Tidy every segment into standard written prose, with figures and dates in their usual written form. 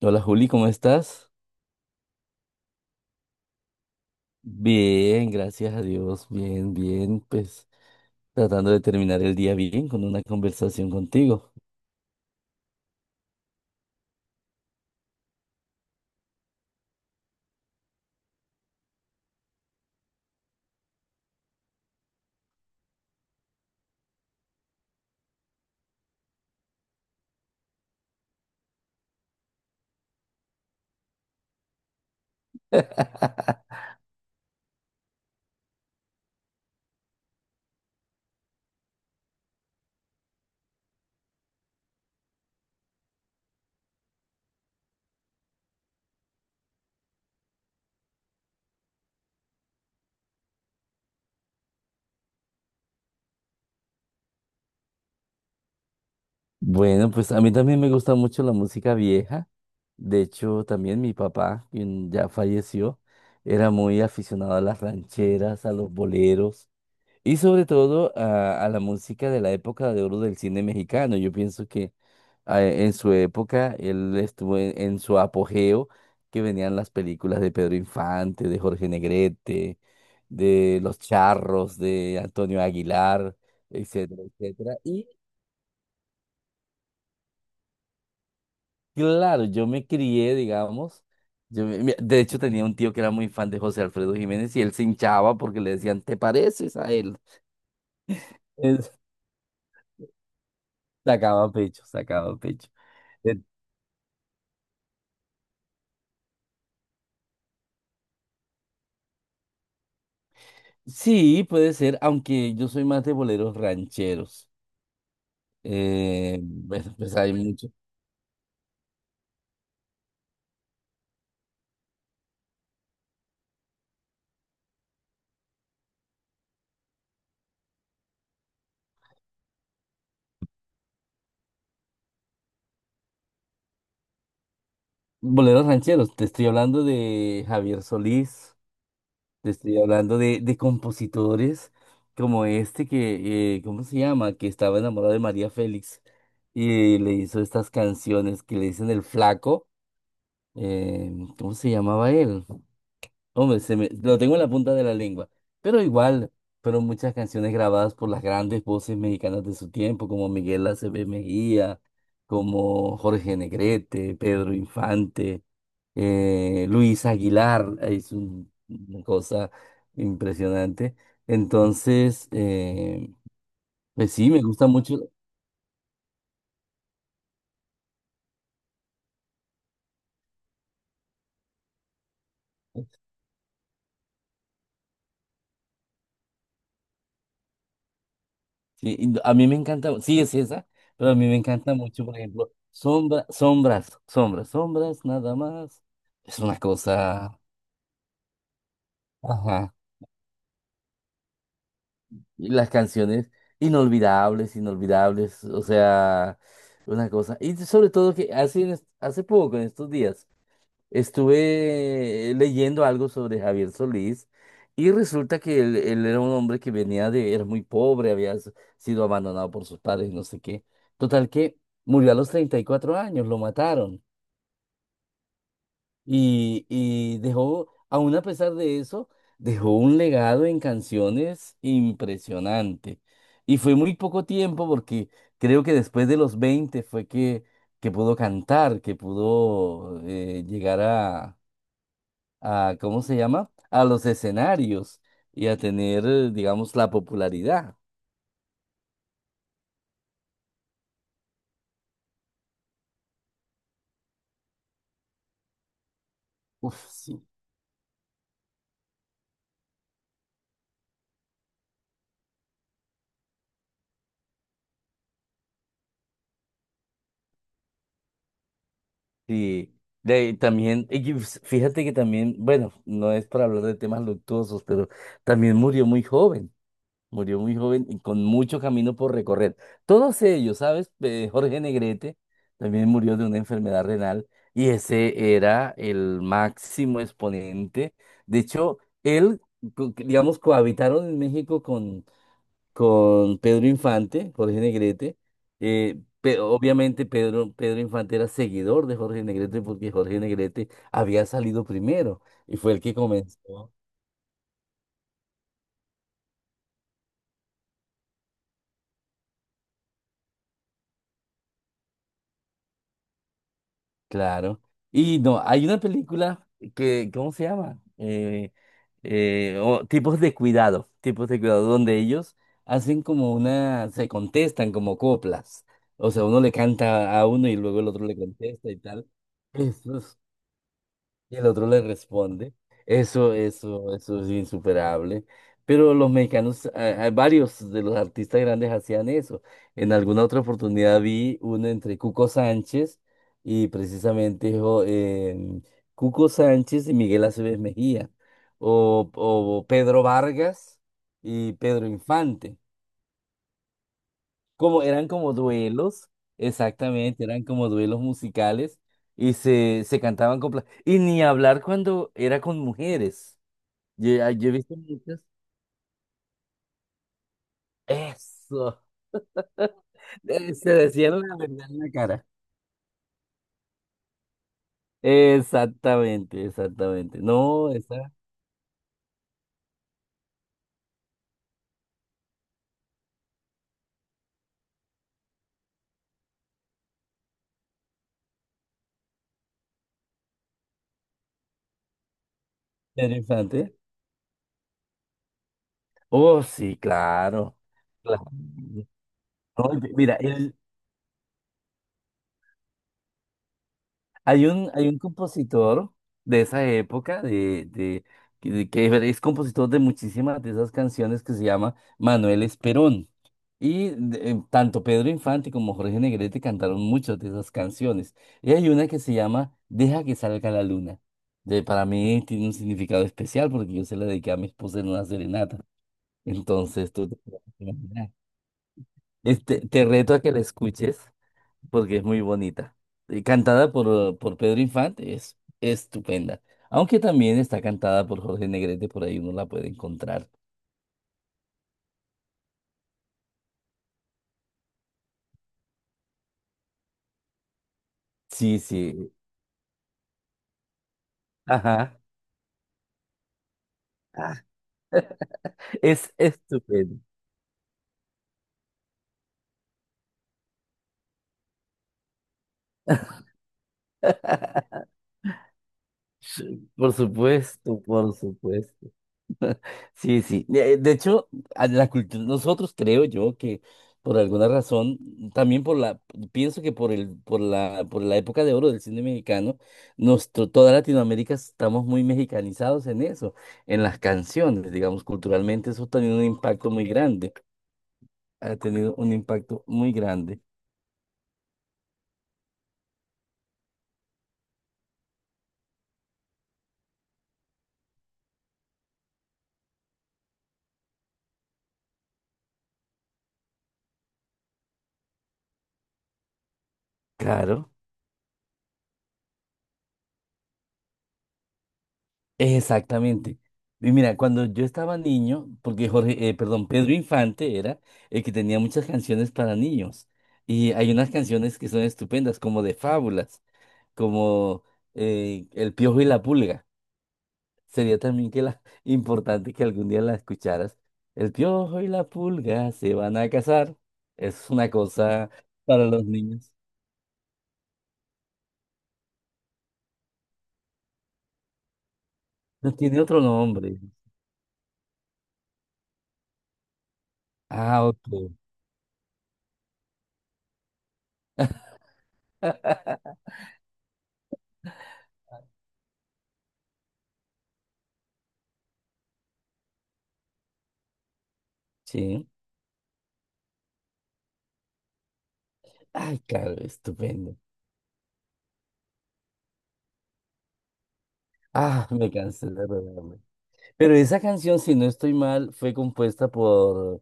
Hola Juli, ¿cómo estás? Bien, gracias a Dios, bien, pues tratando de terminar el día bien con una conversación contigo. Bueno, pues a mí también me gusta mucho la música vieja. De hecho, también mi papá, quien ya falleció, era muy aficionado a las rancheras, a los boleros. Y sobre todo a la música de la época de oro del cine mexicano. Yo pienso que en su época él estuvo en su apogeo, que venían las películas de Pedro Infante, de Jorge Negrete, de Los Charros, de Antonio Aguilar, etcétera, etcétera. Y claro, yo me crié, digamos. De hecho, tenía un tío que era muy fan de José Alfredo Jiménez y él se hinchaba porque le decían, ¿te pareces a él? Él sacaba pecho, sacaba pecho. Sí, puede ser, aunque yo soy más de boleros rancheros. Bueno, pues hay muchos. Boleros rancheros, te estoy hablando de Javier Solís, te estoy hablando de compositores como este que, ¿cómo se llama? Que estaba enamorado de María Félix y le hizo estas canciones que le dicen El Flaco. Eh, ¿Cómo se llamaba él? Hombre, lo tengo en la punta de la lengua. Pero igual, fueron muchas canciones grabadas por las grandes voces mexicanas de su tiempo, como Miguel Aceves Mejía, como Jorge Negrete, Pedro Infante, Luis Aguilar, es una cosa impresionante. Entonces, pues sí, me gusta mucho. Sí, y a mí me encanta, sí es esa, pero a mí me encanta mucho, por ejemplo, sombras, sombras, nada más. Es una cosa. Ajá. Y las canciones inolvidables, inolvidables, o sea, una cosa. Y sobre todo que hace, hace poco, en estos días, estuve leyendo algo sobre Javier Solís y resulta que él era un hombre que venía de, era muy pobre, sido abandonado por sus padres, no sé qué. Total que murió a los 34 años, lo mataron. Y dejó, aún a pesar de eso, dejó un legado en canciones impresionante. Y fue muy poco tiempo porque creo que después de los 20 fue que pudo cantar, que pudo llegar a, ¿cómo se llama? A los escenarios y a tener, digamos, la popularidad. Uf, sí. Sí, de ahí también, y que pues, fíjate que también, bueno, no es para hablar de temas luctuosos, pero también murió muy joven. Murió muy joven y con mucho camino por recorrer. Todos ellos, ¿sabes? Jorge Negrete también murió de una enfermedad renal y ese era el máximo exponente. De hecho, él, digamos, cohabitaron en México con Pedro Infante, Jorge Negrete. Obviamente Pedro Infante era seguidor de Jorge Negrete porque Jorge Negrete había salido primero y fue el que comenzó. Claro. Y no, hay una película que, ¿cómo se llama? Tipos de cuidado, tipos de cuidado, donde ellos hacen como una, se contestan como coplas. O sea, uno le canta a uno y luego el otro le contesta y tal. Eso y el otro le responde, eso es insuperable. Pero los mexicanos, a varios de los artistas grandes hacían eso. En alguna otra oportunidad vi uno entre Cuco Sánchez y precisamente dijo, Cuco Sánchez y Miguel Aceves Mejía, o Pedro Vargas y Pedro Infante. Como eran como duelos, exactamente, eran como duelos musicales y se cantaban con... Y ni hablar cuando era con mujeres. Yo he visto muchas. Eso. Se decían la verdad en la cara. Exactamente, exactamente. No, está interesante. Oh, sí, claro. Claro. No, mira, hay un, hay un compositor de esa época, que que es compositor de muchísimas de esas canciones que se llama Manuel Esperón. Y tanto Pedro Infante como Jorge Negrete cantaron muchas de esas canciones. Y hay una que se llama Deja que salga la luna. De, para mí tiene un significado especial porque yo se la dediqué a mi esposa en una serenata. Entonces, tú te puedes imaginar. Este, te reto a que la escuches porque es muy bonita. Y cantada por Pedro Infante, es estupenda. Aunque también está cantada por Jorge Negrete, por ahí uno la puede encontrar. Sí, sí. Ajá. Es estupenda. Por supuesto, por supuesto. Sí, sí. De hecho, a la cultura, nosotros creo yo que por alguna razón, también por la, pienso que por el, por la época de oro del cine mexicano, nuestro, toda Latinoamérica estamos muy mexicanizados en eso, en las canciones, digamos, culturalmente eso ha tenido un impacto muy grande, ha tenido un impacto muy grande. Claro. Exactamente. Y mira, cuando yo estaba niño, porque perdón, Pedro Infante era el que tenía muchas canciones para niños. Y hay unas canciones que son estupendas, como de fábulas, como El Piojo y la Pulga. Sería también que la, importante que algún día la escucharas. El Piojo y la Pulga se van a casar. Es una cosa para los niños. No tiene otro nombre. Ah, ok. Sí. Ay, claro, estupendo. Ah, me cansé de rogarme. Pero esa canción, si no estoy mal, fue compuesta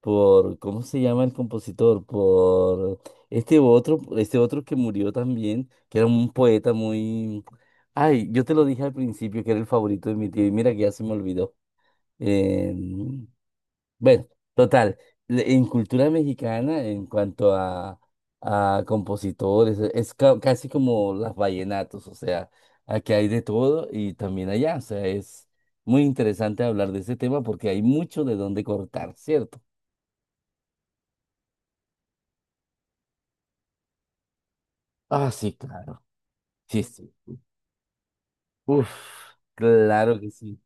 por, ¿cómo se llama el compositor? Por este otro que murió también, que era un poeta muy... Ay, yo te lo dije al principio que era el favorito de mi tío y mira que ya se me olvidó. Em, bueno, total, en cultura mexicana, en cuanto a compositores, es casi como las vallenatos, o sea, aquí hay de todo y también allá, o sea, es muy interesante hablar de ese tema porque hay mucho de dónde cortar, ¿cierto? Ah, sí, claro. Sí, sí. Uf, claro que sí.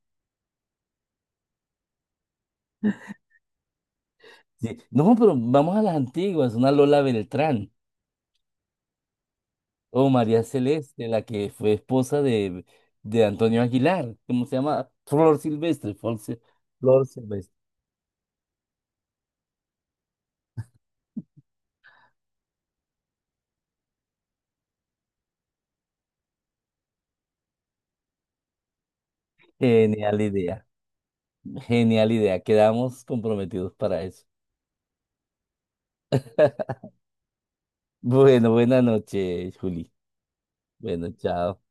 Sí. No, pero vamos a las antiguas, una Lola Beltrán. O María Celeste, la que fue esposa de Antonio Aguilar, ¿cómo se llama? Flor Silvestre, Flor Silvestre. Genial idea, genial idea. Quedamos comprometidos para eso. Bueno, buena noche, Juli. Bueno, chao.